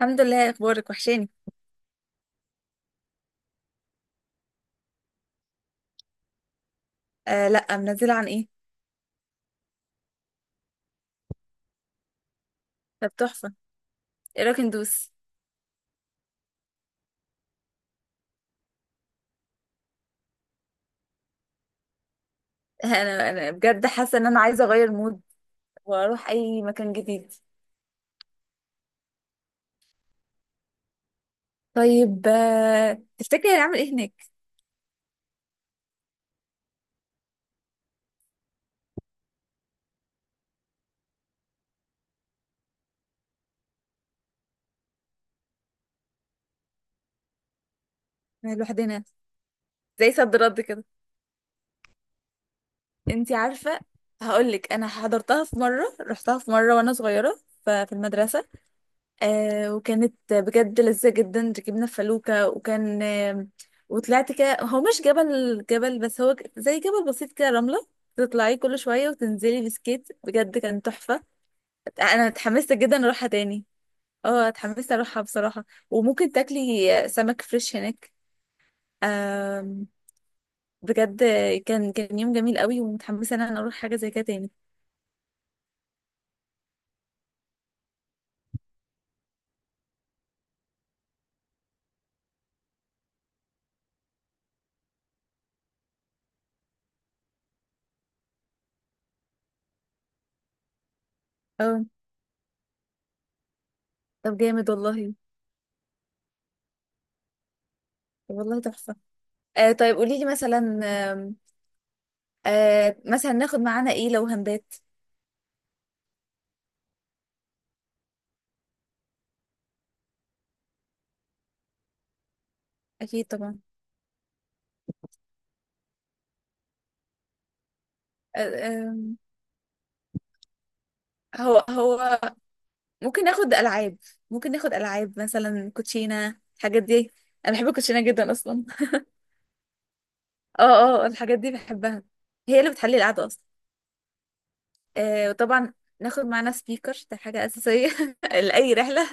الحمد لله. إيه اخبارك؟ وحشاني. آه، لا منزله، عن ايه؟ طب تحفه. ايه رايك ندوس؟ انا بجد حاسه ان انا عايزه اغير مود، واروح اي مكان جديد. طيب، تفتكري هنعمل ايه هناك؟ لوحدنا. زي صد رد كده. انتي عارفه؟ هقول لك، انا حضرتها في مره، رحتها في مره وانا صغيره في المدرسه. وكانت بجد لذيذة جدا، ركبنا في فلوكة وكان وطلعت كده. هو مش جبل جبل، بس هو زي جبل بسيط كده، رملة. تطلعي كل شوية وتنزلي بسكيت، بجد كان تحفة. أنا اتحمست جدا أروحها تاني. اه، اتحمست أروحها بصراحة. وممكن تاكلي سمك فريش هناك. آم، بجد. كان يوم جميل قوي، ومتحمسة إن أنا أروح حاجة زي كده تاني. اه، طب جامد والله. والله تحفة. طيب قولي لي مثلا. مثلا ناخد معانا ايه لو هندات؟ اكيد طبعا. آه آم، هو ممكن ناخد العاب ممكن ناخد العاب مثلا كوتشينه، الحاجات دي. انا بحب الكوتشينه جدا اصلا. اه، اه، الحاجات دي بحبها. هي اللي بتحلي القعده اصلا. وطبعا ناخد معانا سبيكر، ده حاجه اساسيه لاي رحله.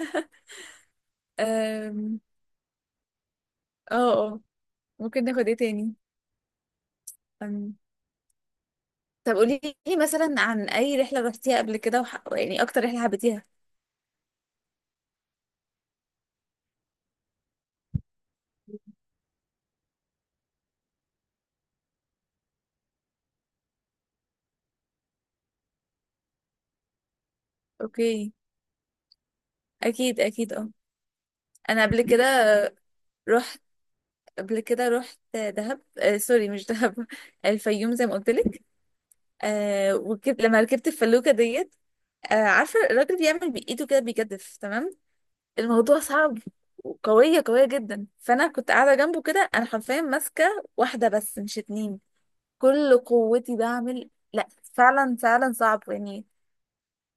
آم، اه، اه، ممكن ناخد ايه تاني؟ أم، طب قولي لي مثلا، عن اي رحله رحتيها قبل كده يعني اكتر رحله حبيتيها؟ اوكي، اكيد اكيد، اه. انا قبل كده رحت قبل كده رحت دهب. آه سوري، مش دهب الفيوم، زي ما قلت لك. لما ركبت الفلوكه ديت، عارفه الراجل بيعمل بايده كده بيجدف، تمام؟ الموضوع صعب. وقويه قويه جدا، فانا كنت قاعده جنبه كده، انا حرفيا ماسكه واحده بس مش اتنين. كل قوتي بعمل لا. فعلا فعلا صعب يعني.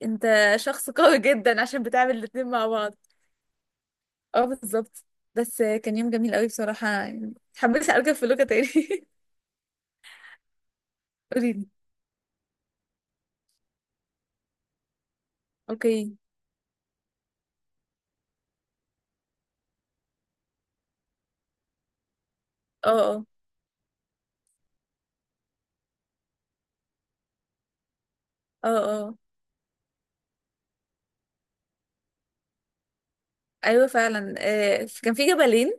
انت شخص قوي جدا عشان بتعمل الاتنين مع بعض. اه، بالظبط. بس كان يوم جميل قوي بصراحه، يعني اتحمست اركب فلوكه تاني قوليلي. اوكي. اه، اه، اه، اه. ايوه فعلا، كان في جبلين.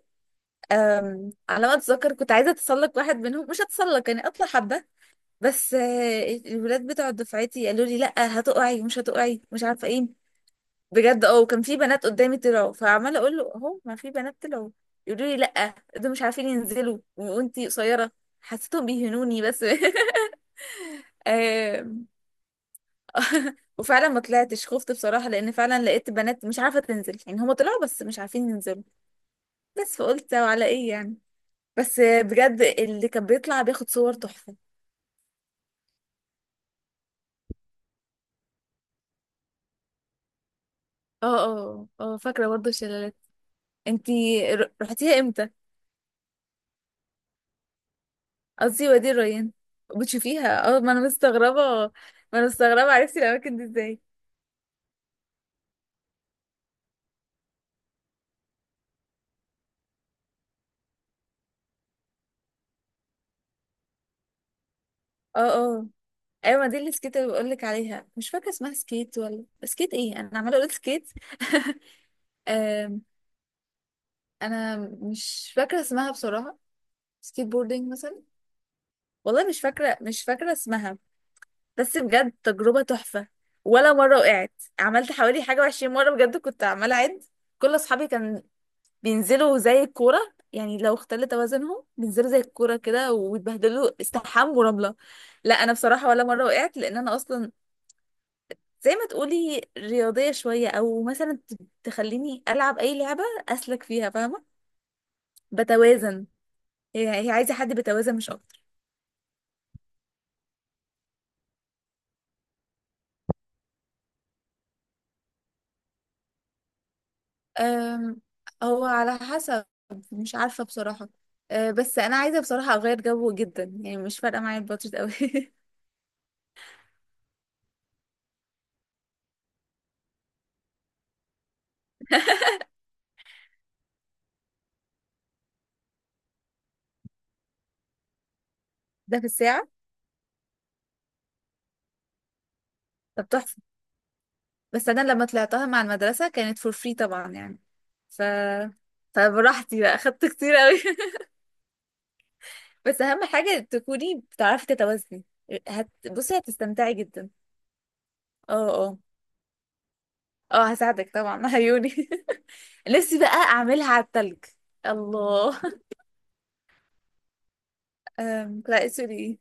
على ما اتذكر كنت عايزه اتسلق واحد منهم، مش اتسلق يعني، اطلع حبه. بس الولاد بتوع دفعتي قالوا لي لا هتقعي، مش هتقعي، مش عارفه ايه. بجد، وكان في بنات قدامي طلعوا، فعماله اقول له اهو ما في بنات طلعوا. يقولوا لي لا، دول مش عارفين ينزلوا وانتي قصيره. حسيتهم بيهنوني بس. وفعلا ما طلعتش، خفت بصراحة، لأن فعلا لقيت بنات مش عارفة تنزل. يعني هما طلعوا بس مش عارفين ينزلوا. بس فقلت وعلى ايه يعني. بس بجد اللي كان بيطلع بياخد صور تحفة. اه، اه، اه، فاكرة برضه الشلالات. انتي رحتيها امتى؟ قصدي وادي الريان. بتشوفيها، اه، ما انا مستغربة. ما انا مستغربة عرفتي الأماكن دي ازاي. اه، اه، ايوه ما دي اللي سكيت اللي بقولك عليها، مش فاكرة اسمها سكيت ولا سكيت ايه، انا عمالة اقول سكيت آم، انا مش فاكرة اسمها بصراحة. سكيت بوردينج مثلا. والله مش فاكرة، مش فاكرة اسمها. بس بجد تجربة تحفة. ولا مرة وقعت. عملت حوالي حاجة و20 مرة، بجد كنت عمالة أعد. كل أصحابي كان بينزلوا زي الكورة. يعني لو اختل توازنهم بينزلوا زي الكورة كده، ويتبهدلوا، استحمام ورملة. لا أنا بصراحة، ولا مرة وقعت. لأن أنا أصلا زي ما تقولي رياضية شوية، أو مثلا تخليني ألعب أي لعبة. أسلك فيها، فاهمة؟ بتوازن. هي عايزة حد بتوازن مش أكتر. أم، هو على حسب. مش عارفة بصراحة. بس أنا عايزة بصراحة أغير جو جدا، يعني مش فارقة معايا البادجت أوي ده في الساعة؟ طب تحفة. بس أنا لما طلعتها مع المدرسة كانت فور فري طبعا يعني. ف فبراحتي بقى أخدت كتير أوي بس أهم حاجة تكوني بتعرفي تتوازني. بصي هتستمتعي جدا. اه، اه، اه، هساعدك طبعا عيوني. نفسي بقى أعملها على التلج. الله. لا سوري.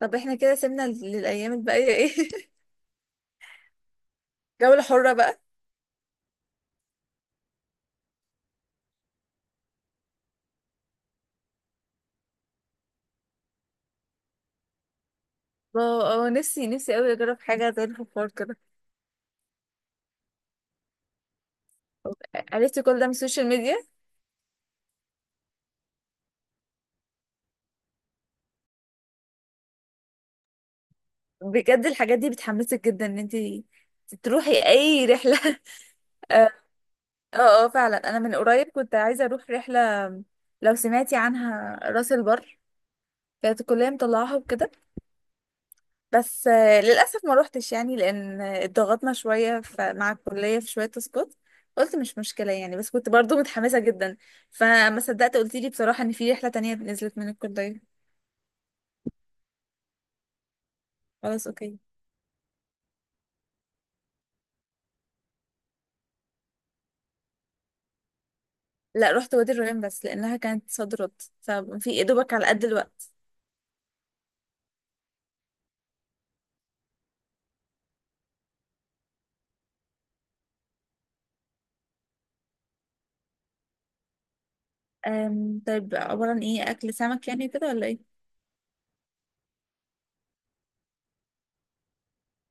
طب احنا كده سيبنا للأيام الباقية ايه؟ جولة حرة بقى. اه، اه، نفسي نفسي قوي اجرب حاجة زي الفخار كده. عرفتي كل ده من السوشيال ميديا؟ بجد الحاجات دي بتحمسك جدا ان انت تروحي اي رحلة اه، اه، فعلا انا من قريب كنت عايزة اروح رحلة. لو سمعتي عنها راس البر. كانت الكلية مطلعاها وكده. بس للأسف ما روحتش يعني، لأن اتضغطنا شوية مع الكلية في شوية تسقط. قلت مش مشكلة يعني، بس كنت برضو متحمسة جدا. فما صدقت قلت لي بصراحة إن في رحلة تانية نزلت من الكلية. خلاص أوكي. لا، رحت وادي الريان بس لأنها كانت صد رد، ففي يا دوبك على قد الوقت. طيب، عبارة عن إيه؟ أكل سمك يعني كده ولا إيه؟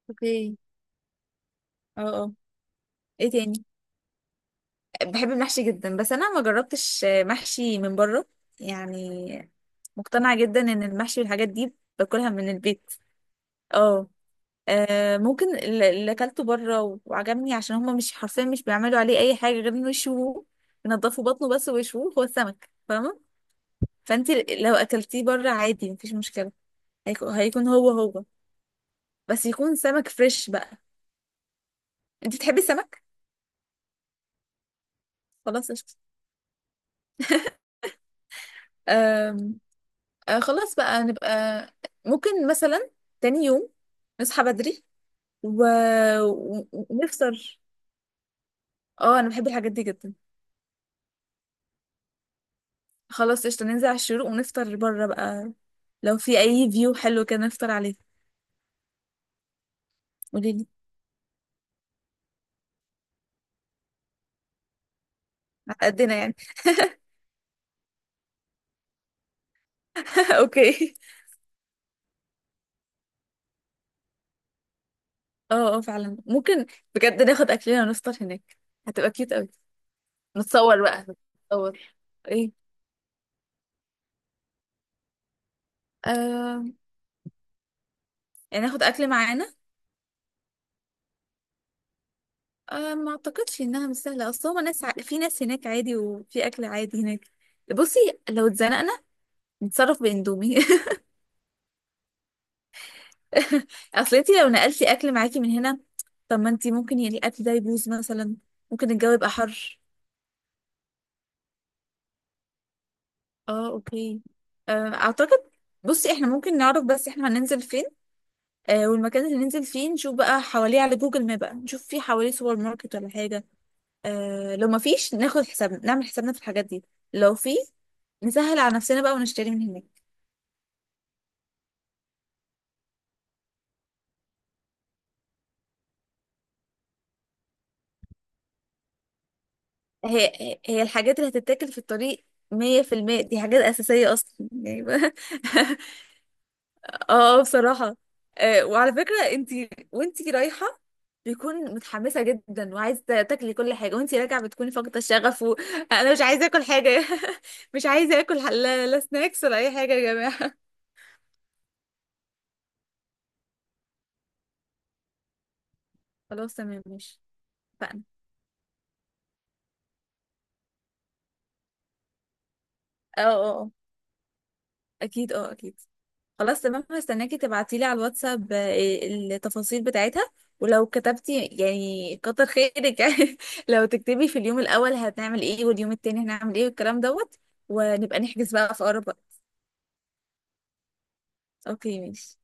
اوكي، اه، اه، إيه تاني؟ بحب المحشي جدا، بس انا ما جربتش محشي من بره يعني. مقتنعة جدا ان المحشي والحاجات دي باكلها من البيت. اه، ممكن اللي اكلته بره وعجبني عشان هما مش حرفيا، مش بيعملوا عليه اي حاجة غير انه يشوه، ينضفوا بطنه بس ويشوه هو السمك، فاهمة؟ فانت لو اكلتيه بره عادي مفيش مشكلة. هيكون هو. بس يكون سمك فريش بقى. انت بتحبي السمك؟ خلاص قشطة. خلاص بقى نبقى. ممكن مثلا تاني يوم نصحى بدري و... ونفطر. اه، انا بحب الحاجات دي جدا. خلاص قشطة، ننزل على الشروق ونفطر بره بقى. لو في اي فيو حلو كده نفطر عليه. قوليلي. على قدنا يعني. اوكي، اه، اه، فعلا ممكن. بجد ناخد اكلنا ونفطر هناك. هتبقى كيوت قوي. نتصور بقى، نتصور. ايه؟ آه. يعني ناخد اكل معانا؟ أه، ما اعتقدش انها مش سهله، اصل هما ناس في ناس هناك عادي، وفي اكل عادي هناك. بصي، لو اتزنقنا نتصرف باندومي اصل انتي لو نقلتي اكل معاكي من هنا، طب ما انتي ممكن يعني الاكل ده يبوظ مثلا. ممكن الجو يبقى حر. اه، اوكي. أه، اعتقد. بصي، احنا ممكن نعرف بس احنا هننزل فين. والمكان اللي ننزل فيه نشوف بقى حواليه على جوجل ماب، بقى نشوف فيه حواليه سوبر ماركت ولا حاجه. لو ما فيش ناخد حسابنا نعمل حسابنا في الحاجات دي. لو في، نسهل على نفسنا بقى ونشتري من هناك. هي هي الحاجات اللي هتتاكل في الطريق، 100% دي حاجات أساسية أصلا يعني بقى. اه، بصراحة. وعلى فكرة، انتي وانتي رايحة، بيكون متحمسة جدا وعايزة تاكلي كل حاجة، وانتي راجعة بتكوني فاقدة الشغف وأنا مش عايزة آكل حاجة. مش عايزة آكل لا, لا سناكس ولا أي حاجة يا جماعة. خلاص تمام ماشي. اتفقنا. اه، اه، أكيد اه أكيد. خلاص تمام، هستناكي تبعتيلي على الواتساب التفاصيل بتاعتها. ولو كتبتي يعني كتر خيرك يعني. لو تكتبي في اليوم الأول هنعمل ايه، واليوم التاني هنعمل ايه، والكلام دوت. ونبقى نحجز بقى في أقرب وقت. اوكي ماشي.